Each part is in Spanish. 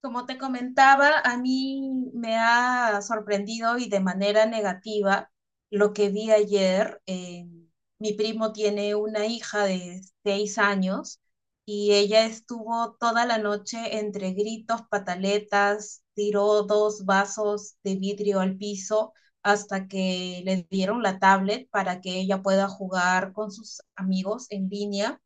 Como te comentaba, a mí me ha sorprendido y de manera negativa lo que vi ayer. Mi primo tiene una hija de 6 años y ella estuvo toda la noche entre gritos, pataletas, tiró dos vasos de vidrio al piso hasta que le dieron la tablet para que ella pueda jugar con sus amigos en línea.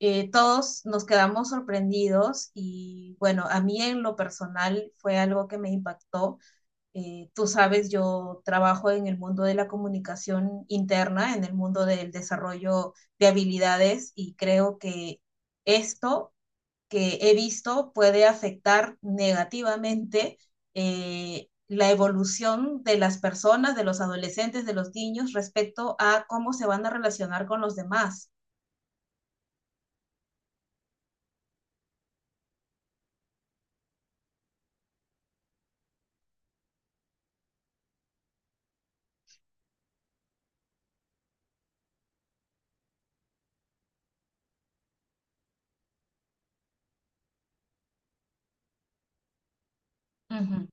Todos nos quedamos sorprendidos y bueno, a mí en lo personal fue algo que me impactó. Tú sabes, yo trabajo en el mundo de la comunicación interna, en el mundo del desarrollo de habilidades y creo que esto que he visto puede afectar negativamente, la evolución de las personas, de los adolescentes, de los niños respecto a cómo se van a relacionar con los demás. Ujú.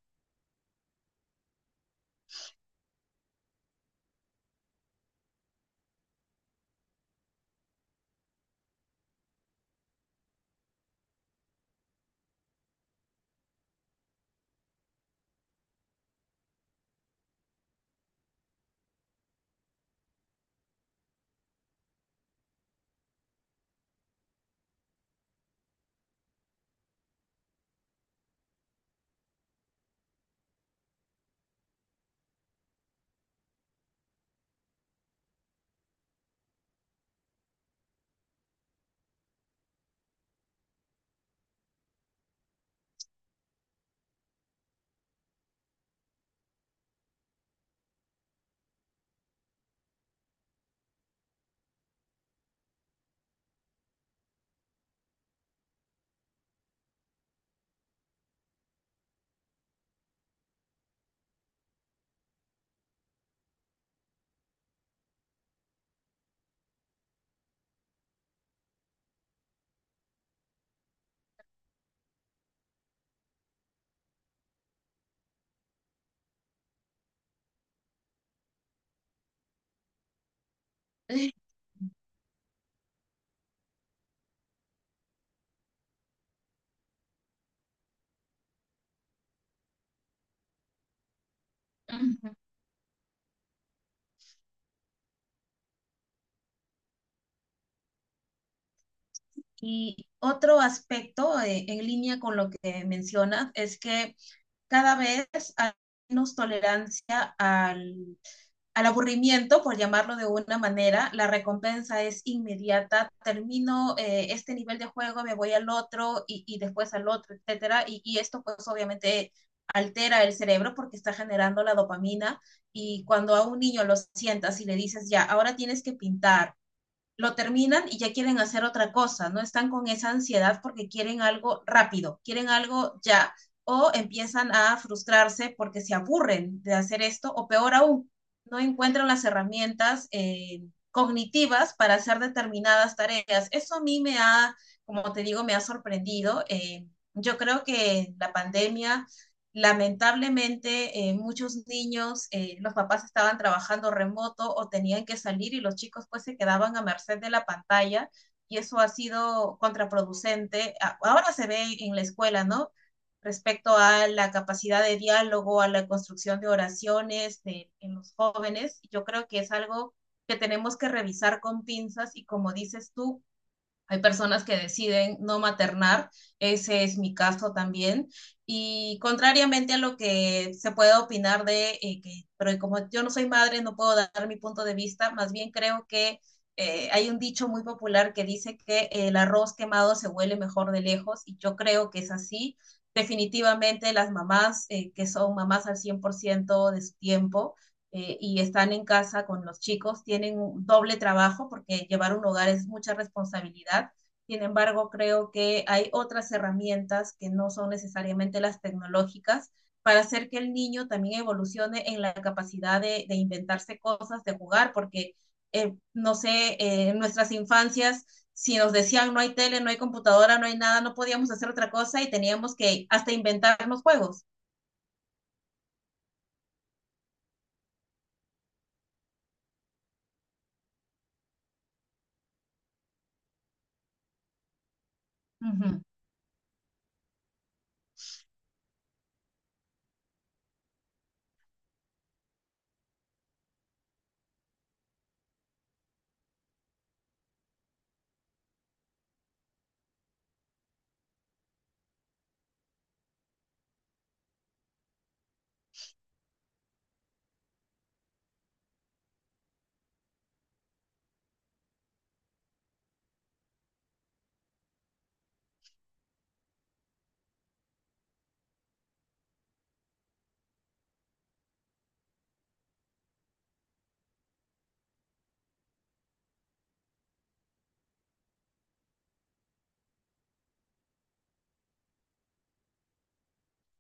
Y otro aspecto, en línea con lo que mencionas es que cada vez hay menos tolerancia al aburrimiento, por llamarlo de una manera. La recompensa es inmediata. Termino este nivel de juego, me voy al otro y después al otro, etcétera. Y esto pues obviamente altera el cerebro porque está generando la dopamina y cuando a un niño lo sientas y le dices, ya, ahora tienes que pintar lo terminan y ya quieren hacer otra cosa, no están con esa ansiedad porque quieren algo rápido, quieren algo ya, o empiezan a frustrarse porque se aburren de hacer esto, o peor aún, no encuentran las herramientas cognitivas para hacer determinadas tareas. Eso a mí me ha, como te digo, me ha sorprendido. Yo creo que la pandemia. Lamentablemente, muchos niños, los papás estaban trabajando remoto o tenían que salir y los chicos pues se quedaban a merced de la pantalla y eso ha sido contraproducente. Ahora se ve en la escuela, ¿no? Respecto a la capacidad de diálogo, a la construcción de oraciones en los jóvenes, yo creo que es algo que tenemos que revisar con pinzas y como dices tú, hay personas que deciden no maternar, ese es mi caso también. Y contrariamente a lo que se puede opinar de que, pero como yo no soy madre, no puedo dar mi punto de vista, más bien creo que hay un dicho muy popular que dice que el arroz quemado se huele mejor de lejos y yo creo que es así. Definitivamente las mamás que son mamás al 100% de su tiempo, y están en casa con los chicos, tienen un doble trabajo porque llevar un hogar es mucha responsabilidad. Sin embargo, creo que hay otras herramientas que no son necesariamente las tecnológicas para hacer que el niño también evolucione en la capacidad de inventarse cosas, de jugar, porque, no sé, en nuestras infancias, si nos decían no hay tele, no hay computadora, no hay nada, no podíamos hacer otra cosa y teníamos que hasta inventarnos juegos. Ujú,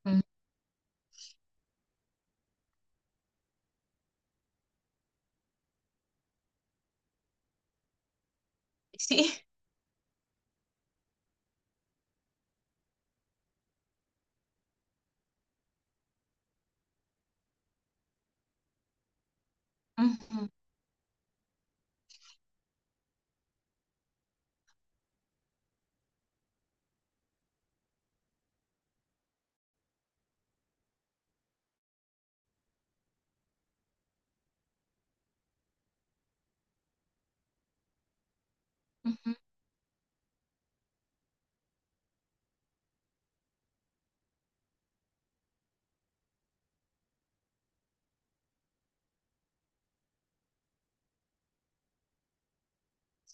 ujú. Sí. Ujú, ujú.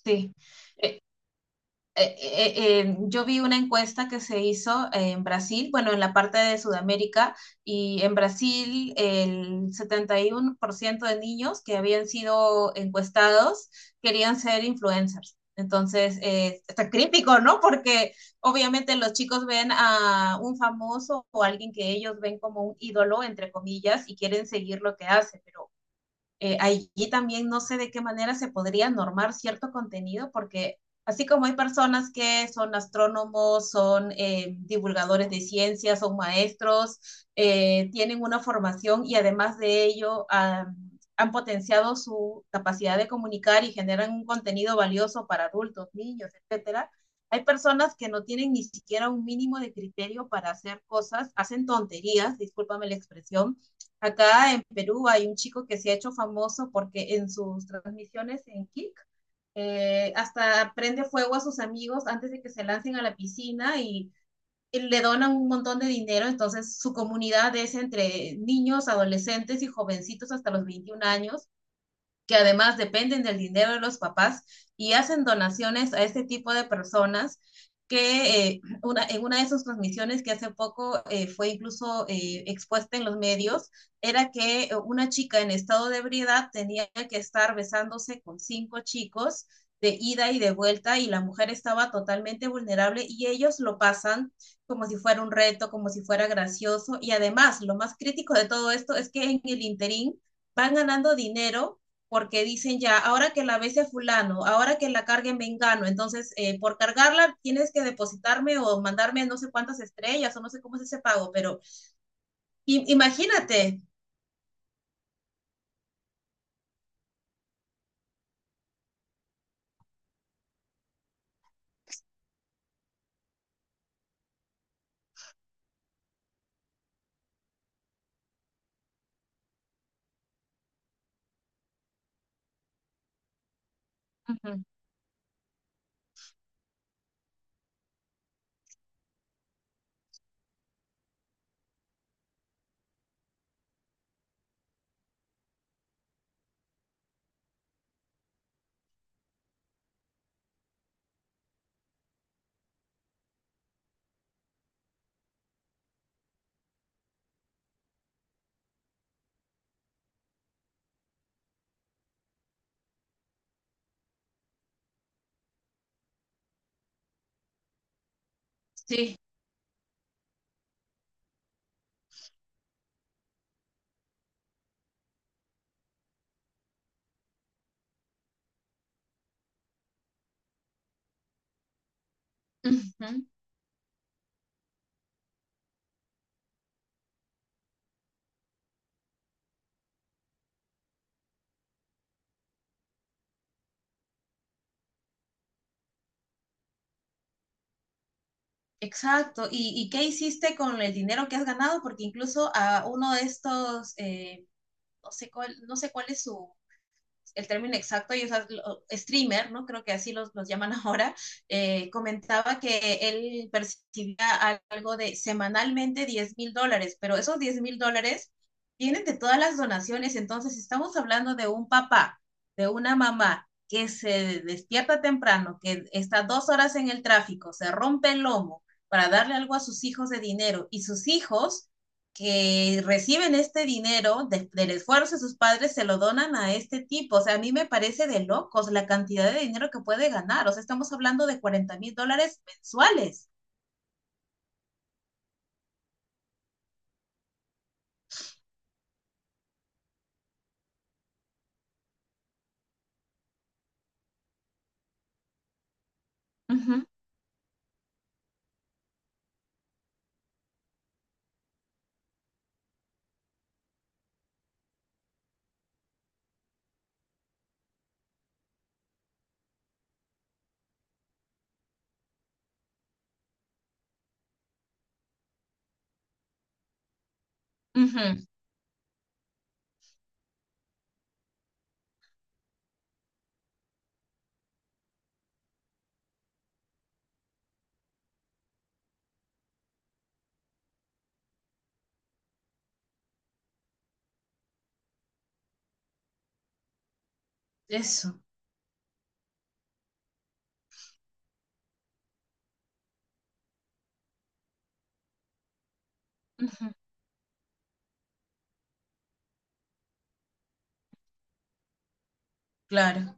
Sí, Eh, yo vi una encuesta que se hizo en Brasil, bueno, en la parte de Sudamérica, y en Brasil el 71% de niños que habían sido encuestados querían ser influencers. Entonces, está crítico, ¿no? Porque obviamente los chicos ven a un famoso o alguien que ellos ven como un ídolo, entre comillas, y quieren seguir lo que hace, pero allí también no sé de qué manera se podría normar cierto contenido, porque así como hay personas que son astrónomos, son divulgadores de ciencias, son maestros, tienen una formación y además de ello han potenciado su capacidad de comunicar y generan un contenido valioso para adultos, niños, etcétera. Hay personas que no tienen ni siquiera un mínimo de criterio para hacer cosas, hacen tonterías, discúlpame la expresión. Acá en Perú hay un chico que se ha hecho famoso porque en sus transmisiones en Kick hasta prende fuego a sus amigos antes de que se lancen a la piscina y le donan un montón de dinero. Entonces su comunidad es entre niños, adolescentes y jovencitos hasta los 21 años que además dependen del dinero de los papás y hacen donaciones a este tipo de personas que en una de sus transmisiones que hace poco fue incluso expuesta en los medios, era que una chica en estado de ebriedad tenía que estar besándose con cinco chicos de ida y de vuelta y la mujer estaba totalmente vulnerable y ellos lo pasan como si fuera un reto, como si fuera gracioso y además lo más crítico de todo esto es que en el interín van ganando dinero porque dicen ya, ahora que la bese a fulano, ahora que la carguen vengano, entonces por cargarla tienes que depositarme o mandarme no sé cuántas estrellas o no sé cómo es ese pago, pero imagínate. Uh -huh. Sí. Uh -huh. Exacto. ¿Y, qué hiciste con el dinero que has ganado? Porque incluso a uno de estos, no sé cuál es su, el término exacto, y o sea, streamer, ¿no? Creo que así los llaman ahora, comentaba que él percibía algo de semanalmente 10.000 dólares, pero esos 10.000 dólares vienen de todas las donaciones, entonces si estamos hablando de un papá, de una mamá que se despierta temprano, que está 2 horas en el tráfico, se rompe el lomo para darle algo a sus hijos de dinero y sus hijos que reciben este dinero del esfuerzo de sus padres se lo donan a este tipo. O sea, a mí me parece de locos la cantidad de dinero que puede ganar. O sea, estamos hablando de 40.000 dólares mensuales. Ujú, ujú. Eso. Ujú. Claro.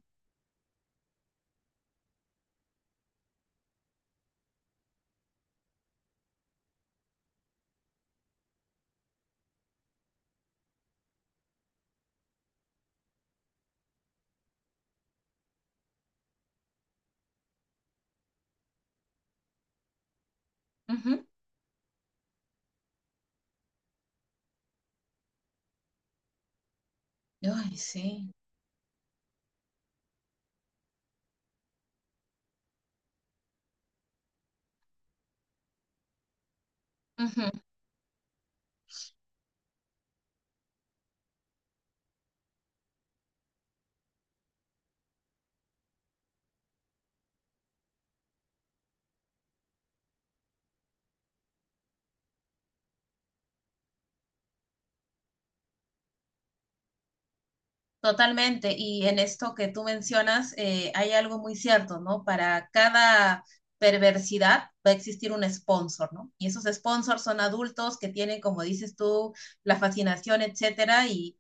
Ujú. Ay, sí. Ujú. Totalmente, y en esto que tú mencionas hay algo muy cierto, ¿no? Para cada perversidad va a existir un sponsor, ¿no? Y esos sponsors son adultos que tienen, como dices tú, la fascinación, etcétera, y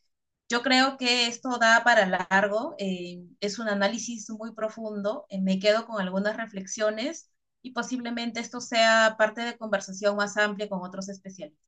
yo creo que esto da para largo, es un análisis muy profundo, me quedo con algunas reflexiones y posiblemente esto sea parte de conversación más amplia con otros especialistas.